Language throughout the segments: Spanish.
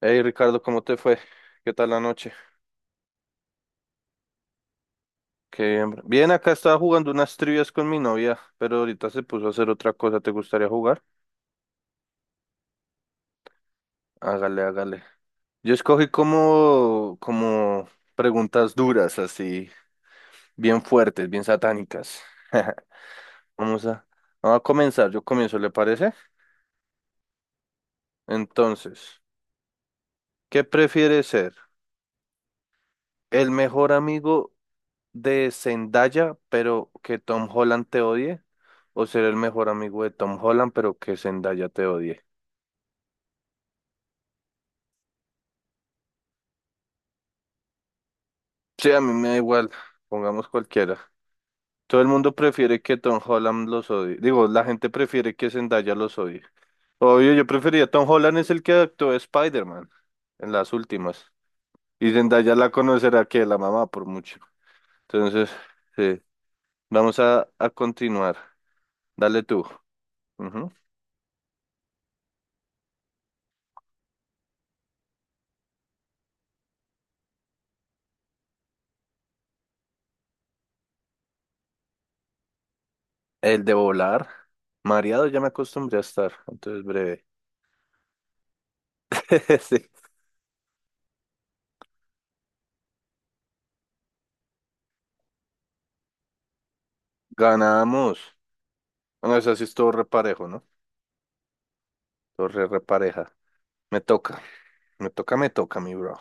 Hey Ricardo, ¿cómo te fue? ¿Qué tal la noche? Que bien, bro. Bien, acá estaba jugando unas trivias con mi novia, pero ahorita se puso a hacer otra cosa. ¿Te gustaría jugar? Hágale, hágale. Yo escogí como preguntas duras, así, bien fuertes, bien satánicas. Vamos a, vamos a comenzar. Yo comienzo, ¿le parece? Entonces, ¿qué prefiere ser? ¿El mejor amigo de Zendaya, pero que Tom Holland te odie, o ser el mejor amigo de Tom Holland, pero que Zendaya te odie? Sí, a mí me da igual, pongamos cualquiera. Todo el mundo prefiere que Tom Holland los odie. Digo, la gente prefiere que Zendaya los odie. Obvio, yo prefería Tom Holland es el que actuó de Spider-Man en las últimas. Y Zendaya la conocerá que la mamá por mucho. Entonces, sí, vamos a continuar. Dale tú. Ujú. El de volar. Mareado ya me acostumbré a estar, entonces breve. Sí. Ganamos. Bueno, eso sí es todo reparejo, ¿no? Todo re repareja. Me toca, me toca, me toca, mi bro.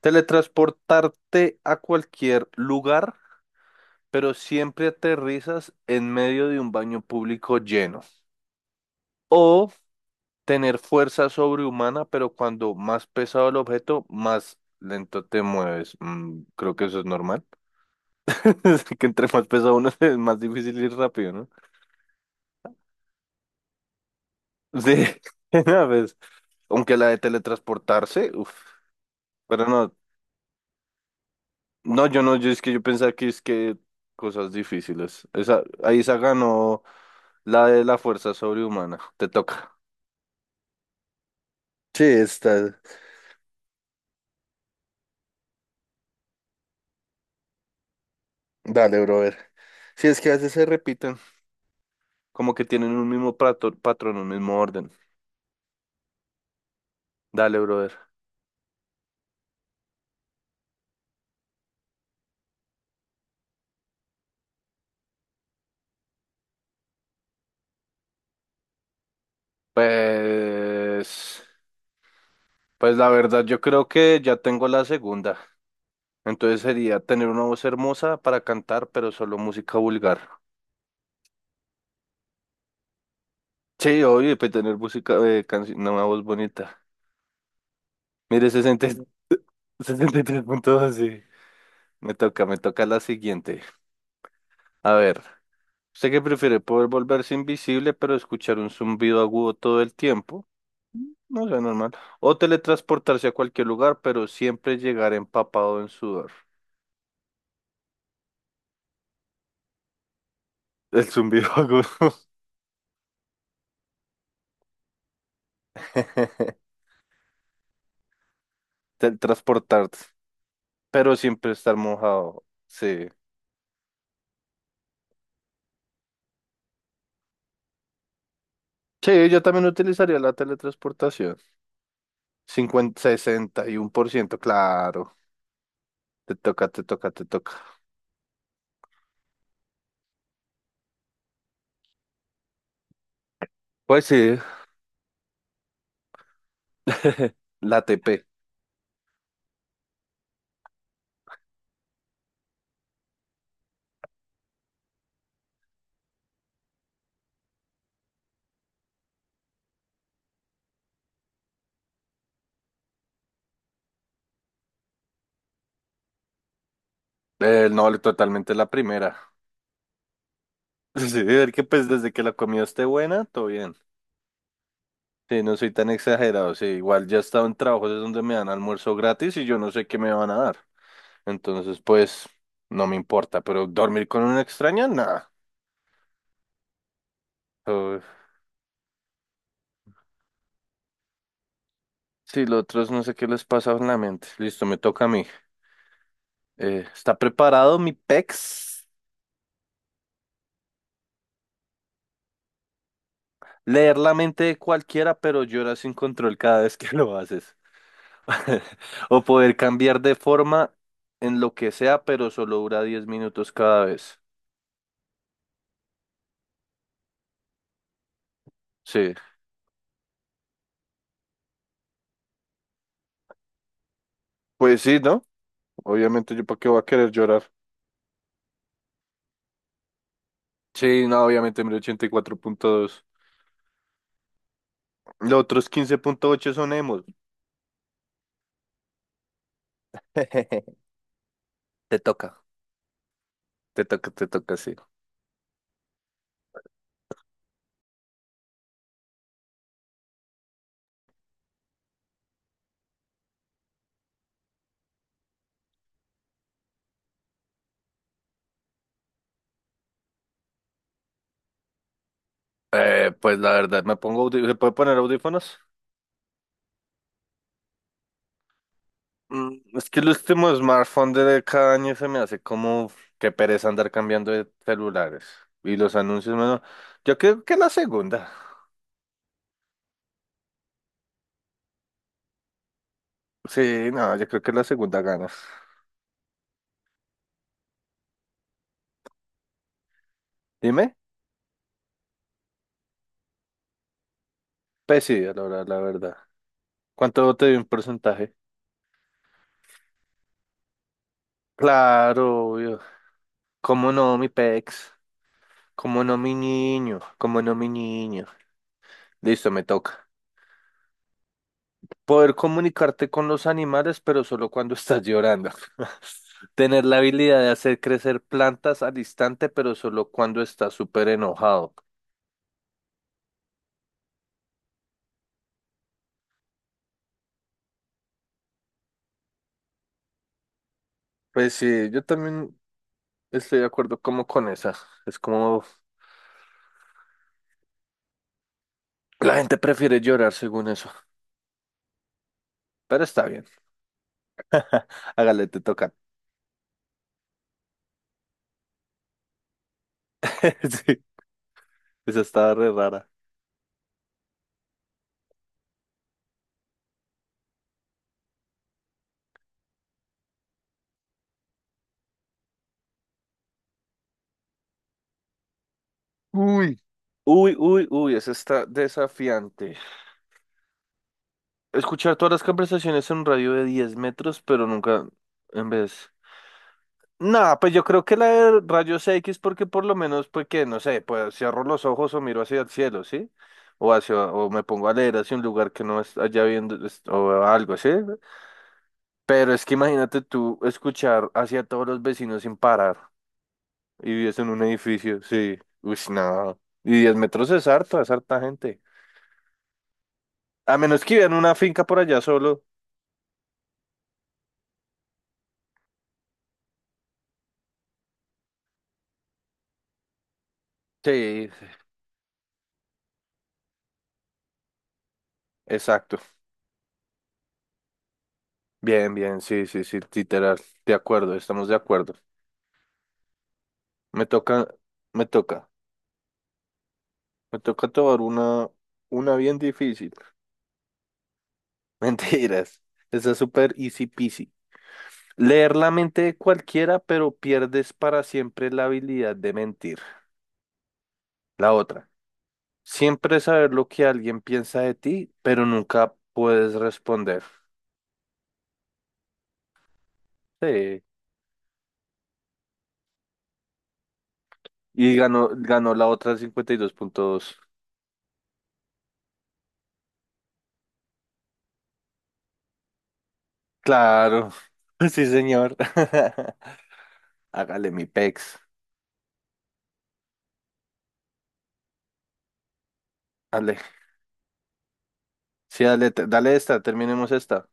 Teletransportarte a cualquier lugar, pero siempre aterrizas en medio de un baño público lleno. O tener fuerza sobrehumana, pero cuando más pesado el objeto, más lento te mueves. Creo que eso es normal. Que entre más pesado uno es más difícil ir rápido, ¿no? Sí, a veces, aunque la de teletransportarse, uff, pero no, no, yo es que yo pensaba que es que cosas difíciles. Esa, ahí se ganó la de la fuerza sobrehumana, te toca. Sí, está, dale, bro, a ver. Sí, es que a veces se repiten, como que tienen un mismo patrón, un mismo orden. Dale, brother. Pues, pues la verdad, yo creo que ya tengo la segunda. Entonces sería tener una voz hermosa para cantar, pero solo música vulgar. Sí, obvio, y pues tener música, no, una voz bonita. Mire, 63 puntos sí. Me toca la siguiente. A ver, ¿usted qué prefiere? ¿Poder volverse invisible, pero escuchar un zumbido agudo todo el tiempo? No sé, normal. O teletransportarse a cualquier lugar, pero siempre llegar empapado en sudor. El zumbido agudo. Teletransportarse, pero siempre estar mojado. Sí. Sí, yo también utilizaría la teletransportación. Cincuenta, 61%, claro. Te toca, te toca, te toca. Pues sí, la TP. No, totalmente la primera. Sí, ver que pues desde que la comida esté buena, todo bien. Sí, no soy tan exagerado. Sí, igual ya he estado en trabajos es donde me dan almuerzo gratis y yo no sé qué me van a dar. Entonces, pues, no me importa. Pero dormir con una extraña, nada. Uf. Sí, los otros no sé qué les pasa en la mente. Listo, me toca a mí. ¿Está preparado mi pex? Leer la mente de cualquiera, pero llora sin control cada vez que lo haces. O poder cambiar de forma en lo que sea, pero solo dura 10 minutos cada vez. Sí. Pues sí, ¿no? Obviamente, ¿yo para qué voy a querer llorar? Sí, no, obviamente, 1084,2. Los otros 15,8 son emos. Te toca, te toca, te toca, sí. Pues la verdad, me pongo ¿se puede poner audífonos? Es que el último smartphone de cada año se me hace como que pereza andar cambiando de celulares. Y los anuncios, bueno, yo creo que la segunda. Sí, no, yo creo que la segunda ganas. Dime, pues sí, la verdad, la verdad. ¿Cuánto te dio un porcentaje? Claro, obvio. ¿Cómo no, mi pex? ¿Cómo no, mi niño? ¿Cómo no, mi niño? Listo, me toca. Poder comunicarte con los animales, pero solo cuando estás llorando. Tener la habilidad de hacer crecer plantas al instante, pero solo cuando estás súper enojado. Pues sí, yo también estoy de acuerdo como con esa. Es como la gente prefiere llorar según eso. Pero está bien. Hágale, te toca. Sí, esa estaba re rara. Uy. Uy, uy, uy, esa está desafiante. Escuchar todas las conversaciones en un radio de 10 metros, pero nunca en vez. Nada, pues yo creo que la de rayos X porque por lo menos, pues que, no sé, pues cierro los ojos o miro hacia el cielo, ¿sí? O hacia, o me pongo a leer hacia un lugar que no es allá viendo, o algo, ¿sí? Pero es que imagínate tú escuchar hacia todos los vecinos sin parar y vives en un edificio, sí. Uy, no. Y 10 metros es harto, es harta gente. A menos que vivan en una finca por allá solo. Sí, sí, exacto. Bien, bien, sí, sí, sí, literal. De acuerdo, estamos de acuerdo. Me toca, me toca. Me toca tomar una bien difícil. Mentiras. Esa es súper easy peasy. Leer la mente de cualquiera, pero pierdes para siempre la habilidad de mentir. La otra. Siempre saber lo que alguien piensa de ti, pero nunca puedes responder. Sí. Y ganó, ganó la otra 52,2. Claro. Sí, señor. Hágale mi pex. Dale. Sí, dale, dale esta, terminemos esta.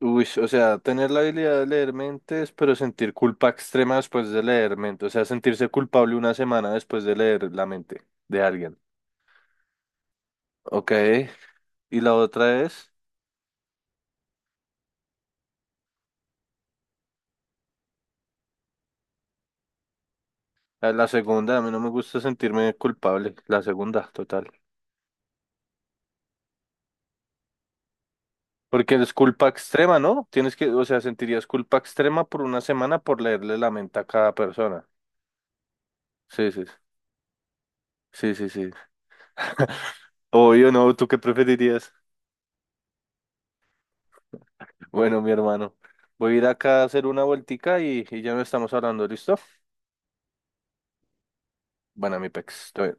Uy, o sea, tener la habilidad de leer mentes, pero sentir culpa extrema después de leer mente. O sea, sentirse culpable una semana después de leer la mente de alguien. Ok. Y la otra es, la segunda, a mí no me gusta sentirme culpable. La segunda, total. Porque es culpa extrema, ¿no? Tienes que, o sea, sentirías culpa extrema por una semana por leerle la mente a cada persona. Sí, sí, sí, sí, sí. Obvio, no, ¿tú qué preferirías? Bueno, mi hermano, voy a ir acá a hacer una vueltica y ya no estamos hablando, ¿listo? Bueno, mi pex, estoy-